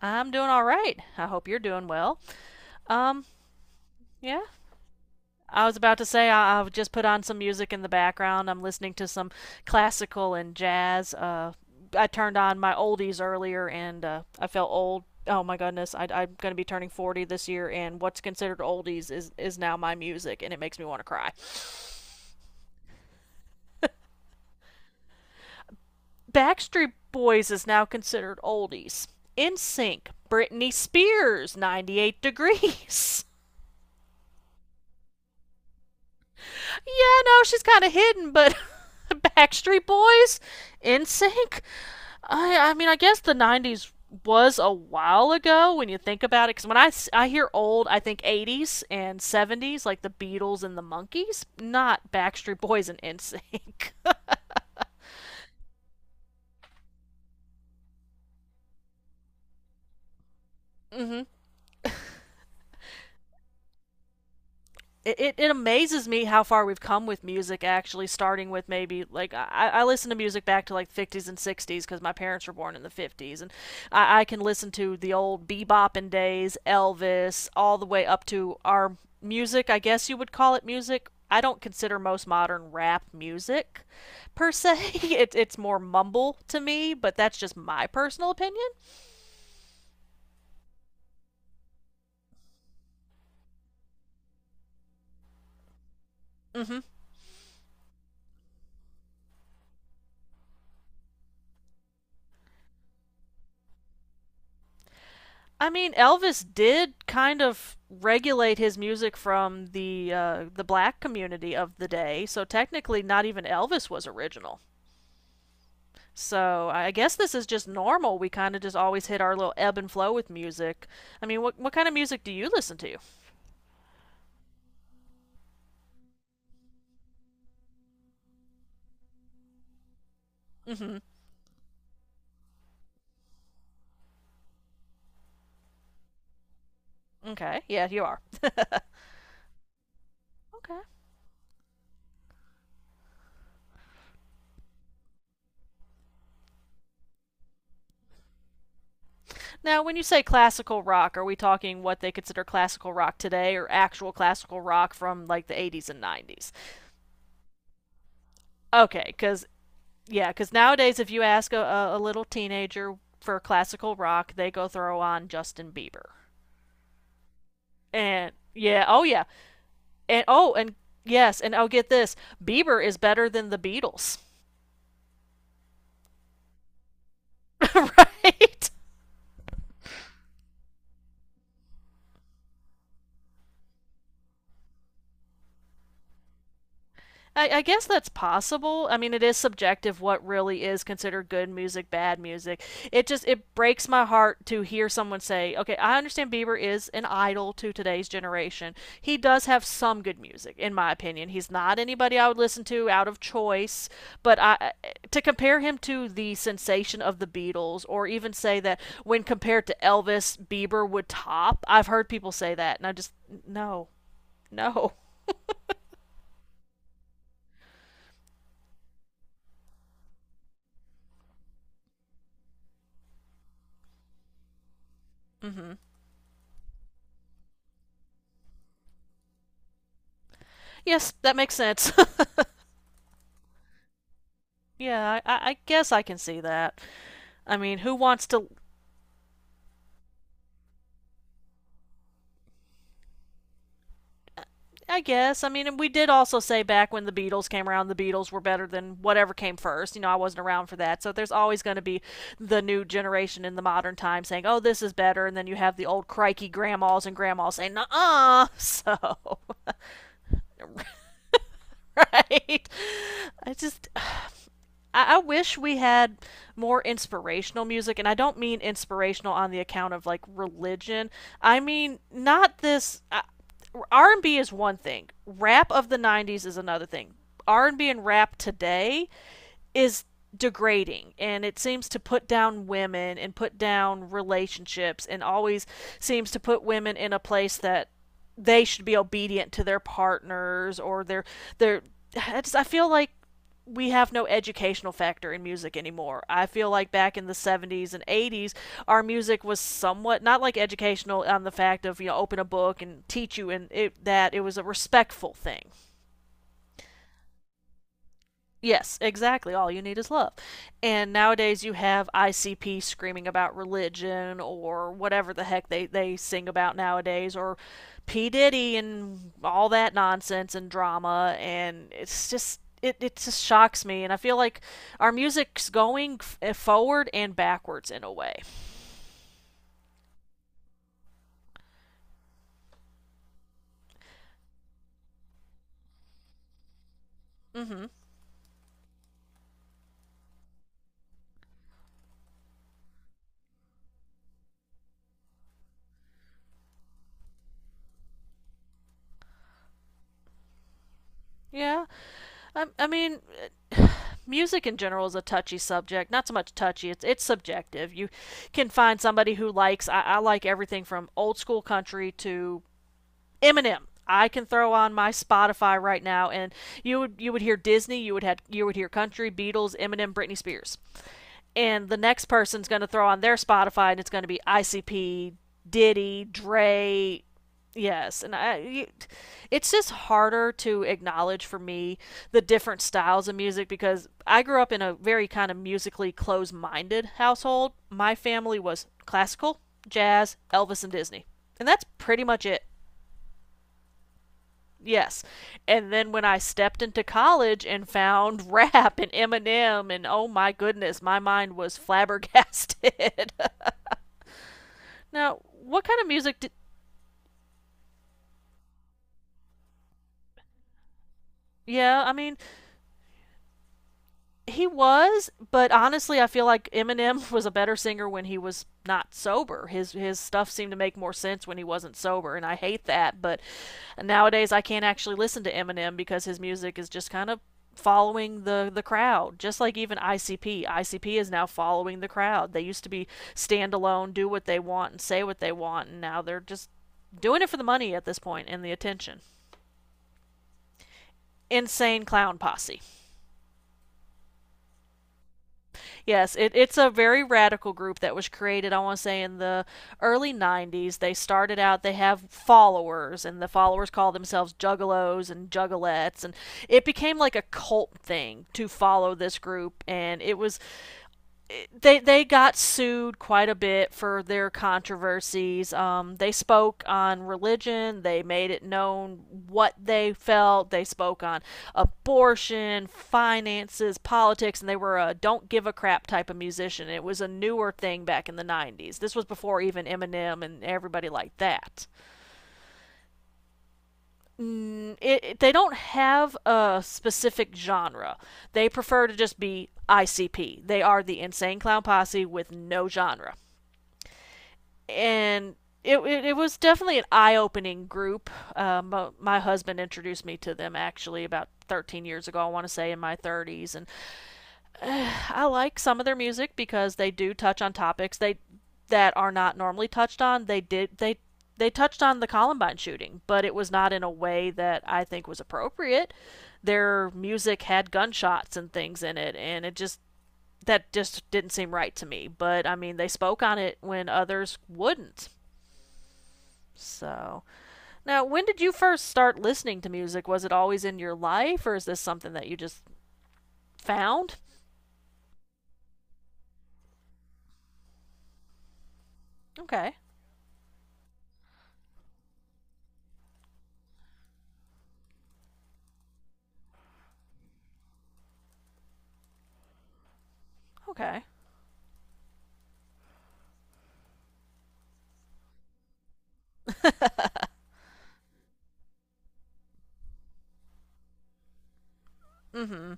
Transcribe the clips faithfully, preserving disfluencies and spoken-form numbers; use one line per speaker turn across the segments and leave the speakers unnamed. I'm doing all right. I hope you're doing well. Um, yeah. I was about to say I, I've just put on some music in the background. I'm listening to some classical and jazz. Uh, I turned on my oldies earlier, and uh, I felt old. Oh my goodness, I, I'm going to be turning forty this year, and what's considered oldies is, is now my music, and it makes me want to cry. Backstreet Boys is now considered oldies. In Sync, Britney Spears, ninety-eight Degrees. Yeah, no, she's kind of hidden, but Backstreet Boys, NSYNC. I, I mean, I guess the nineties was a while ago when you think about it. Because when I, I hear old, I think eighties and seventies, like the Beatles and the Monkees, not Backstreet Boys and NSYNC. Mm-hmm. it, it, it amazes me how far we've come with music, actually, starting with maybe like i, I listen to music back to like fifties and sixties because my parents were born in the fifties, and I, I can listen to the old bebopping days, Elvis, all the way up to our music, I guess you would call it music. I don't consider most modern rap music per se. it, it's more mumble to me, but that's just my personal opinion. Hmm. I mean, Elvis did kind of regulate his music from the uh, the black community of the day, so technically, not even Elvis was original. So I guess this is just normal. We kind of just always hit our little ebb and flow with music. I mean, what what kind of music do you listen to? Mm-hmm. Okay. Yeah, you are. Okay. Now, when you say classical rock, are we talking what they consider classical rock today, or actual classical rock from like the eighties and nineties? Okay, because. Yeah, because nowadays, if you ask a- a, little teenager for classical rock, they go throw on Justin Bieber. And yeah, oh yeah, and oh, and yes, and oh, get this: Bieber is better than the Beatles, right? I, I guess that's possible. I mean, it is subjective what really is considered good music, bad music. It just, it breaks my heart to hear someone say, "Okay, I understand Bieber is an idol to today's generation. He does have some good music, in my opinion. He's not anybody I would listen to out of choice, but I, to compare him to the sensation of the Beatles, or even say that when compared to Elvis, Bieber would top. I've heard people say that, and I just, no, no." Mm-hmm. Yes, that makes sense. Yeah, I, I guess I can see that. I mean, who wants to? I guess. I mean, and we did also say back when the Beatles came around, the Beatles were better than whatever came first. You know, I wasn't around for that. So there's always going to be the new generation in the modern time saying, oh, this is better. And then you have the old crikey grandmas and grandmas saying, uh uh. So, right? I just. I, I wish we had more inspirational music, and I don't mean inspirational on the account of like religion. I mean not this. I, R and B is one thing. Rap of the nineties is another thing. R and B and B and rap today is degrading, and it seems to put down women and put down relationships and always seems to put women in a place that they should be obedient to their partners, or their their I just, I feel like we have no educational factor in music anymore. I feel like back in the seventies and eighties, our music was somewhat not like educational on the fact of, you know open a book and teach you, and it, that it was a respectful thing. Yes, exactly. All you need is love. And nowadays you have I C P screaming about religion or whatever the heck they, they sing about nowadays, or P. Diddy and all that nonsense and drama. And it's just, it, it just shocks me. And I feel like our music's going f- forward and backwards in a way. Mm hmm. Yeah, I, I mean, music in general is a touchy subject. Not so much touchy; it's it's subjective. You can find somebody who likes. I, I like everything from old school country to Eminem. I can throw on my Spotify right now, and you would you would hear Disney, you would had you would hear country, Beatles, Eminem, Britney Spears, and the next person's going to throw on their Spotify, and it's going to be I C P, Diddy, Dre. Yes, and I, it's just harder to acknowledge for me the different styles of music because I grew up in a very kind of musically closed-minded household. My family was classical, jazz, Elvis, and Disney, and that's pretty much it. Yes. And then when I stepped into college and found rap and Eminem, and oh my goodness, my mind was flabbergasted. Now, what kind of music did. Yeah, I mean, he was, but honestly, I feel like Eminem was a better singer when he was not sober. His his stuff seemed to make more sense when he wasn't sober, and I hate that. But nowadays, I can't actually listen to Eminem because his music is just kind of following the the crowd, just like even I C P I C P is now following the crowd. They used to be standalone, do what they want and say what they want, and now they're just doing it for the money at this point, and the attention. Insane Clown Posse. Yes, it, it's a very radical group that was created, I want to say, in the early nineties. They started out. They have followers, and the followers call themselves juggalos and juggalettes. And it became like a cult thing to follow this group. And it was, they they got sued quite a bit for their controversies. Um, they spoke on religion. They made it known what they felt. They spoke on abortion, finances, politics, and they were a don't give a crap type of musician. It was a newer thing back in the nineties. This was before even Eminem and everybody like that. It, it, they don't have a specific genre. They prefer to just be I C P. They are the Insane Clown Posse with no genre. And it, it, it was definitely an eye opening group. Uh, my, my husband introduced me to them actually about thirteen years ago, I want to say, in my thirties. And I like some of their music because they do touch on topics they that are not normally touched on. They did they they touched on the Columbine shooting, but it was not in a way that I think was appropriate. Their music had gunshots and things in it, and it just, that just didn't seem right to me. But I mean, they spoke on it when others wouldn't. So. Now, when did you first start listening to music? Was it always in your life, or is this something that you just found? Okay, okay. Mm-hmm.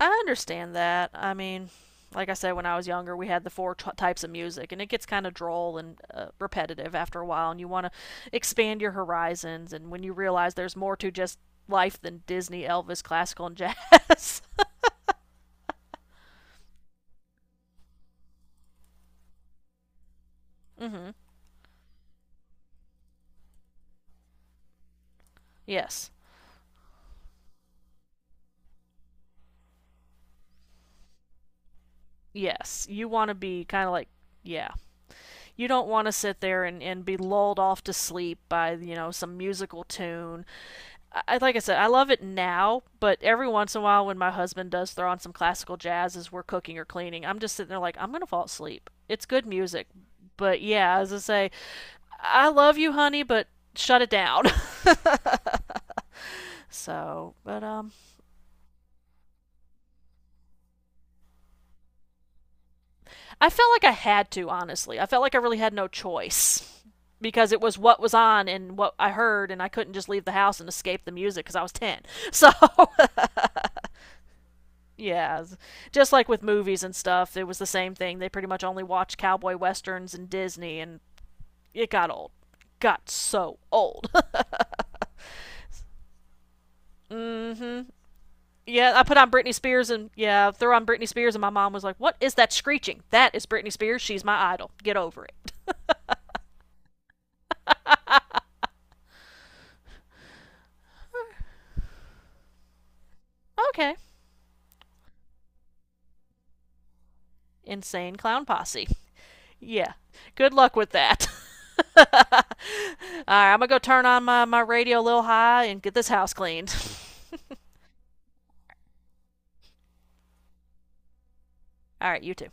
I understand that. I mean, like I said, when I was younger, we had the four t- types of music, and it gets kind of droll and uh, repetitive after a while, and you want to expand your horizons, and when you realize there's more to just life than Disney, Elvis, classical, and jazz. Mm-hmm. Yes, yes. You want to be kind of like, yeah, you don't want to sit there and, and, be lulled off to sleep by, you know some musical tune. I, like I said, I love it now, but every once in a while, when my husband does throw on some classical jazz as we're cooking or cleaning, I'm just sitting there like, I'm gonna fall asleep. It's good music, but yeah, as I say, I love you, honey, but shut it down. So, but um I felt like I had to, honestly. I felt like I really had no choice because it was what was on and what I heard, and I couldn't just leave the house and escape the music because I was ten. So, yeah, just like with movies and stuff, it was the same thing. They pretty much only watched cowboy westerns and Disney, and it got old. Got so old. Mm hmm. Yeah, I put on Britney Spears and yeah, throw on Britney Spears and my mom was like, "What is that screeching? That is Britney Spears. She's my idol. Get over it." Okay. Insane Clown Posse. Yeah. Good luck with that. All right, I'm gonna go turn on my, my, radio a little high and get this house cleaned. All right, you too.